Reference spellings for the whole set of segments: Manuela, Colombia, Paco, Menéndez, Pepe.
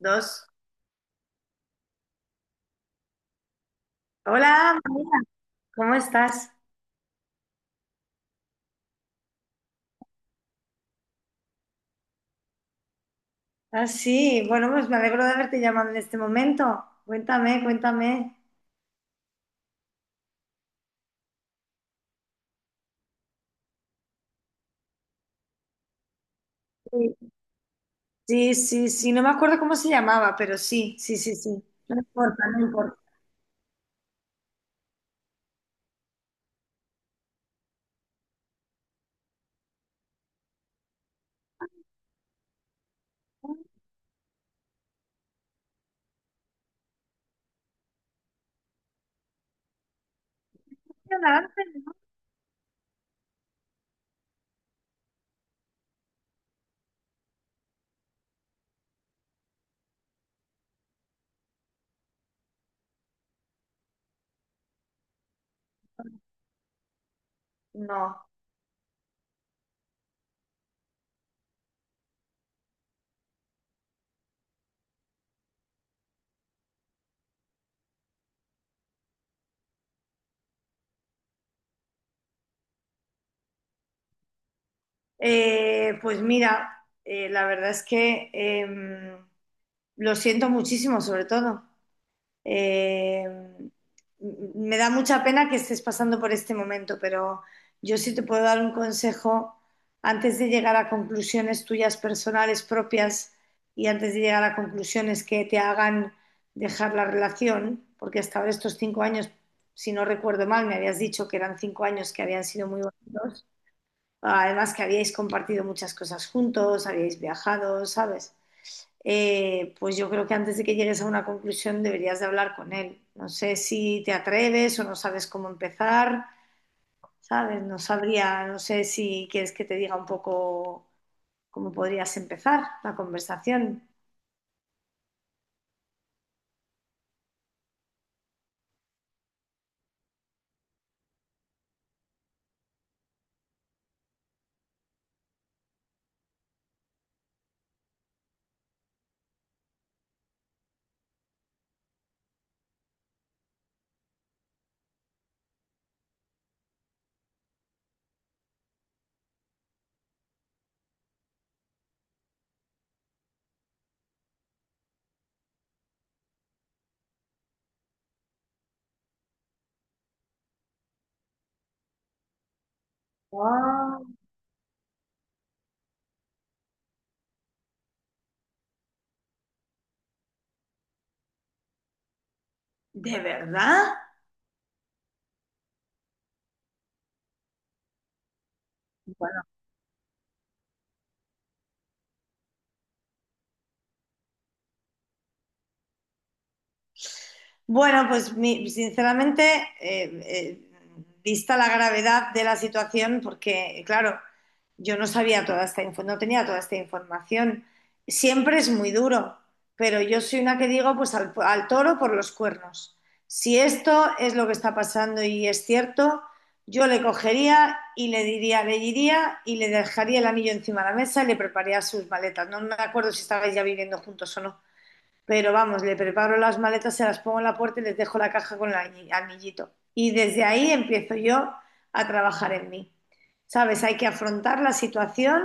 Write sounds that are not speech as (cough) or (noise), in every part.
Dos. Hola, ¿cómo estás? Ah, sí, bueno, pues me alegro de haberte llamado en este momento. Cuéntame, cuéntame. Sí, sí, sí, sí, no me acuerdo cómo se llamaba, pero sí, sí, sí, sí. No importa, no importa. No. Pues mira, la verdad es que em, lo siento muchísimo, sobre todo. Eh, Me da mucha pena que estés pasando por este momento, pero yo sí te puedo dar un consejo antes de llegar a conclusiones tuyas personales propias y antes de llegar a conclusiones que te hagan dejar la relación, porque hasta ahora estos 5 años, si no recuerdo mal, me habías dicho que eran 5 años que habían sido muy bonitos, además que habíais compartido muchas cosas juntos, habíais viajado, ¿sabes? Pues yo creo que antes de que llegues a una conclusión deberías de hablar con él. No sé si te atreves o no sabes cómo empezar, ¿sabes? No sabría, no sé si quieres que te diga un poco cómo podrías empezar la conversación. Ah, ¿de verdad? Bueno, pues sinceramente, eh, eh, vista la gravedad de la situación, porque claro, yo no sabía toda esta info, no tenía toda esta información. Siempre es muy duro, pero yo soy una que digo, pues al toro por los cuernos. Si esto es lo que está pasando y es cierto, yo le cogería y le diría, le iría y le dejaría el anillo encima de la mesa y le prepararía sus maletas. No me acuerdo si estabais ya viviendo juntos o no. Pero vamos, le preparo las maletas, se las pongo en la puerta y les dejo la caja con el anillito. Y desde ahí empiezo yo a trabajar en mí. ¿Sabes? Hay que afrontar la situación,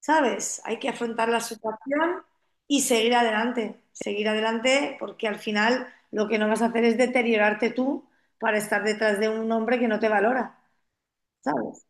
¿sabes? Hay que afrontar la situación y seguir adelante. Seguir adelante porque al final lo que no vas a hacer es deteriorarte tú para estar detrás de un hombre que no te valora, ¿sabes?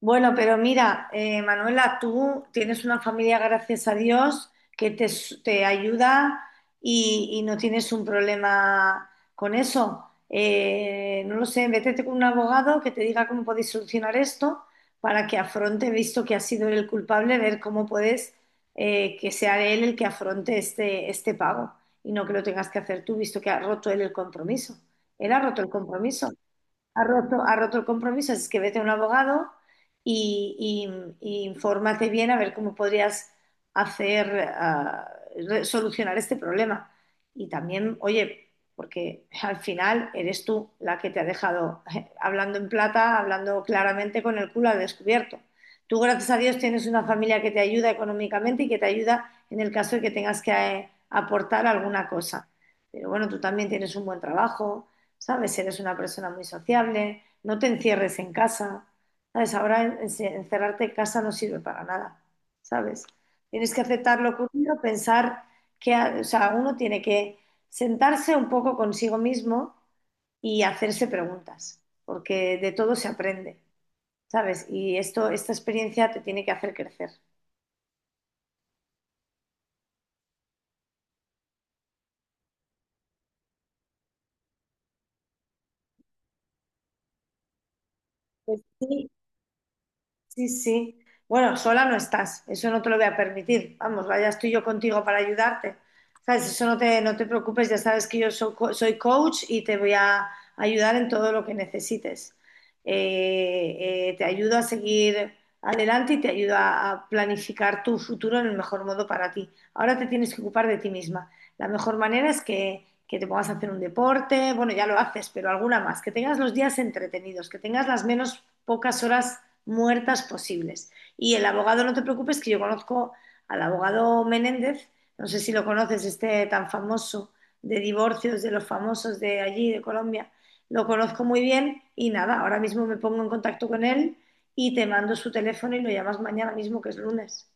Bueno, pero mira, Manuela, tú tienes una familia, gracias a Dios, que te, te ayuda y no tienes un problema con eso. No lo sé, vete con un abogado que te diga cómo podéis solucionar esto para que afronte, visto que ha sido él el culpable, ver cómo puedes que sea él el que afronte este pago y no que lo tengas que hacer tú, visto que ha roto él el compromiso. Él ha roto el compromiso. Ha roto el compromiso, así es que vete a un abogado y, y infórmate bien a ver cómo podrías hacer, ah, solucionar este problema. Y también, oye, porque al final eres tú la que te ha dejado (laughs) hablando en plata, hablando claramente con el culo al descubierto. Tú, gracias a Dios, tienes una familia que te ayuda económicamente y que te ayuda en el caso de que tengas que aportar alguna cosa. Pero bueno, tú también tienes un buen trabajo ¿sabes? Si eres una persona muy sociable, no te encierres en casa, ¿sabes? Ahora encerrarte en casa no sirve para nada, ¿sabes? Tienes que aceptar lo ocurrido, pensar que, o sea, uno tiene que sentarse un poco consigo mismo y hacerse preguntas, porque de todo se aprende, ¿sabes? Y esto, esta experiencia te tiene que hacer crecer. Pues sí, sí, sí. Bueno, sola no estás, eso no te lo voy a permitir. Vamos, vaya, estoy yo contigo para ayudarte. ¿Sabes? Eso no te, no te preocupes, ya sabes que yo soy, soy coach y te voy a ayudar en todo lo que necesites. Te ayudo a seguir adelante y te ayudo a planificar tu futuro en el mejor modo para ti. Ahora te tienes que ocupar de ti misma. La mejor manera es que te pongas a hacer un deporte, bueno, ya lo haces, pero alguna más, que tengas los días entretenidos, que tengas las menos pocas horas muertas posibles. Y el abogado, no te preocupes, que yo conozco al abogado Menéndez, no sé si lo conoces, este tan famoso de divorcios de los famosos de allí, de Colombia, lo conozco muy bien y nada, ahora mismo me pongo en contacto con él y te mando su teléfono y lo llamas mañana mismo, que es lunes.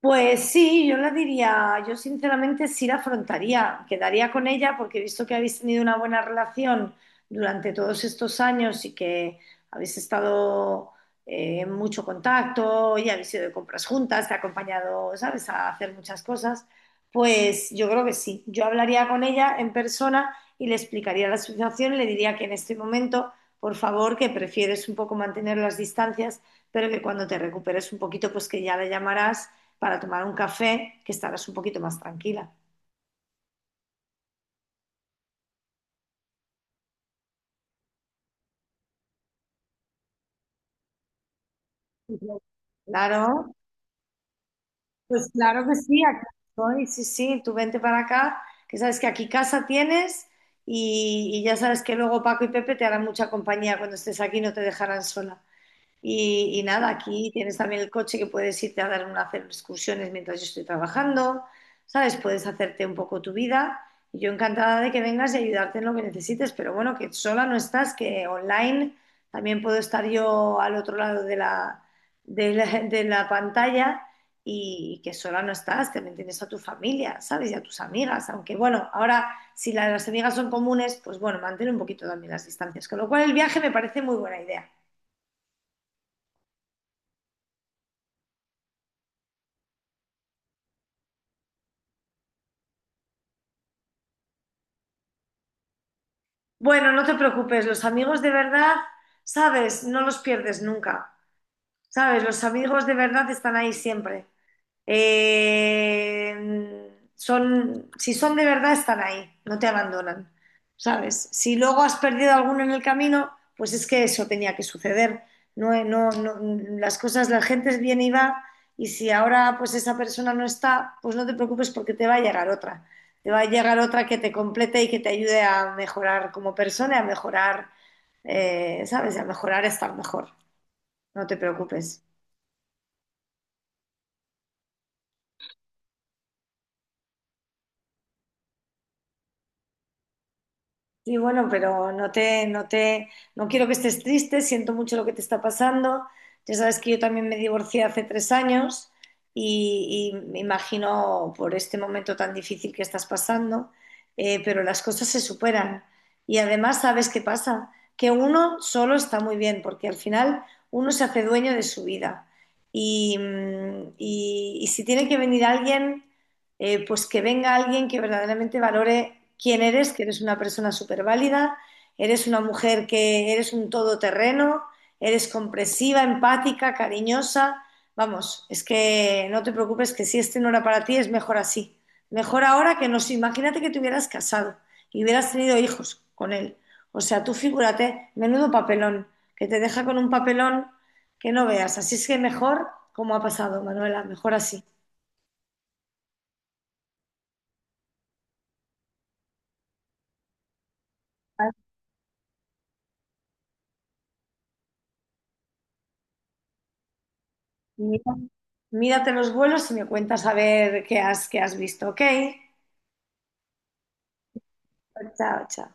Pues sí, yo la diría, yo sinceramente sí la afrontaría, quedaría con ella porque he visto que habéis tenido una buena relación durante todos estos años y que habéis estado en mucho contacto y habéis ido de compras juntas, te ha acompañado, ¿sabes?, a hacer muchas cosas. Pues yo creo que sí, yo hablaría con ella en persona y le explicaría la situación y le diría que en este momento, por favor, que prefieres un poco mantener las distancias, pero que cuando te recuperes un poquito, pues que ya la llamarás para tomar un café, que estarás un poquito más tranquila. Claro, pues claro que sí, aquí estoy, sí, sí, tú vente para acá, que sabes que aquí casa tienes y ya sabes que luego Paco y Pepe te harán mucha compañía cuando estés aquí, no te dejarán sola. Y nada, aquí tienes también el coche que puedes irte a dar una, hacer excursiones mientras yo estoy trabajando, ¿sabes? Puedes hacerte un poco tu vida. Y yo encantada de que vengas y ayudarte en lo que necesites, pero bueno, que sola no estás, que online también puedo estar yo al otro lado de de la pantalla y que sola no estás, que también tienes a tu familia, ¿sabes? Y a tus amigas, aunque bueno, ahora si las amigas son comunes, pues bueno, mantén un poquito también las distancias, con lo cual el viaje me parece muy buena idea. Bueno, no te preocupes, los amigos de verdad, sabes, no los pierdes nunca, sabes, los amigos de verdad están ahí siempre. Eh, Son, si son de verdad, están ahí, no te abandonan, ¿sabes? Si luego has perdido alguno en el camino, pues es que eso tenía que suceder. No, no, no, las cosas, la gente viene y va, y si ahora pues esa persona no está, pues no te preocupes porque te va a llegar otra. Te va a llegar otra que te complete y que te ayude a mejorar como persona, y a mejorar, ¿sabes? A mejorar, a estar mejor. No te preocupes. Sí, bueno, pero no te, no te, no quiero que estés triste, siento mucho lo que te está pasando. Ya sabes que yo también me divorcié hace 3 años y me imagino por este momento tan difícil que estás pasando, pero las cosas se superan. Y además, ¿sabes qué pasa? Que uno solo está muy bien, porque al final uno se hace dueño de su vida. Y, y si tiene que venir alguien pues que venga alguien que verdaderamente valore quién eres, que eres una persona súper válida, eres una mujer que eres un todoterreno, eres compresiva, empática, cariñosa. Vamos, es que no te preocupes que si este no era para ti, es mejor así. Mejor ahora que no sé, imagínate que te hubieras casado y hubieras tenido hijos con él. O sea, tú figúrate, menudo papelón, que te deja con un papelón que no veas. Así es que mejor como ha pasado, Manuela, mejor así. Mira- mírate los vuelos y me cuentas a ver qué has visto, ¿ok? Chao, chao.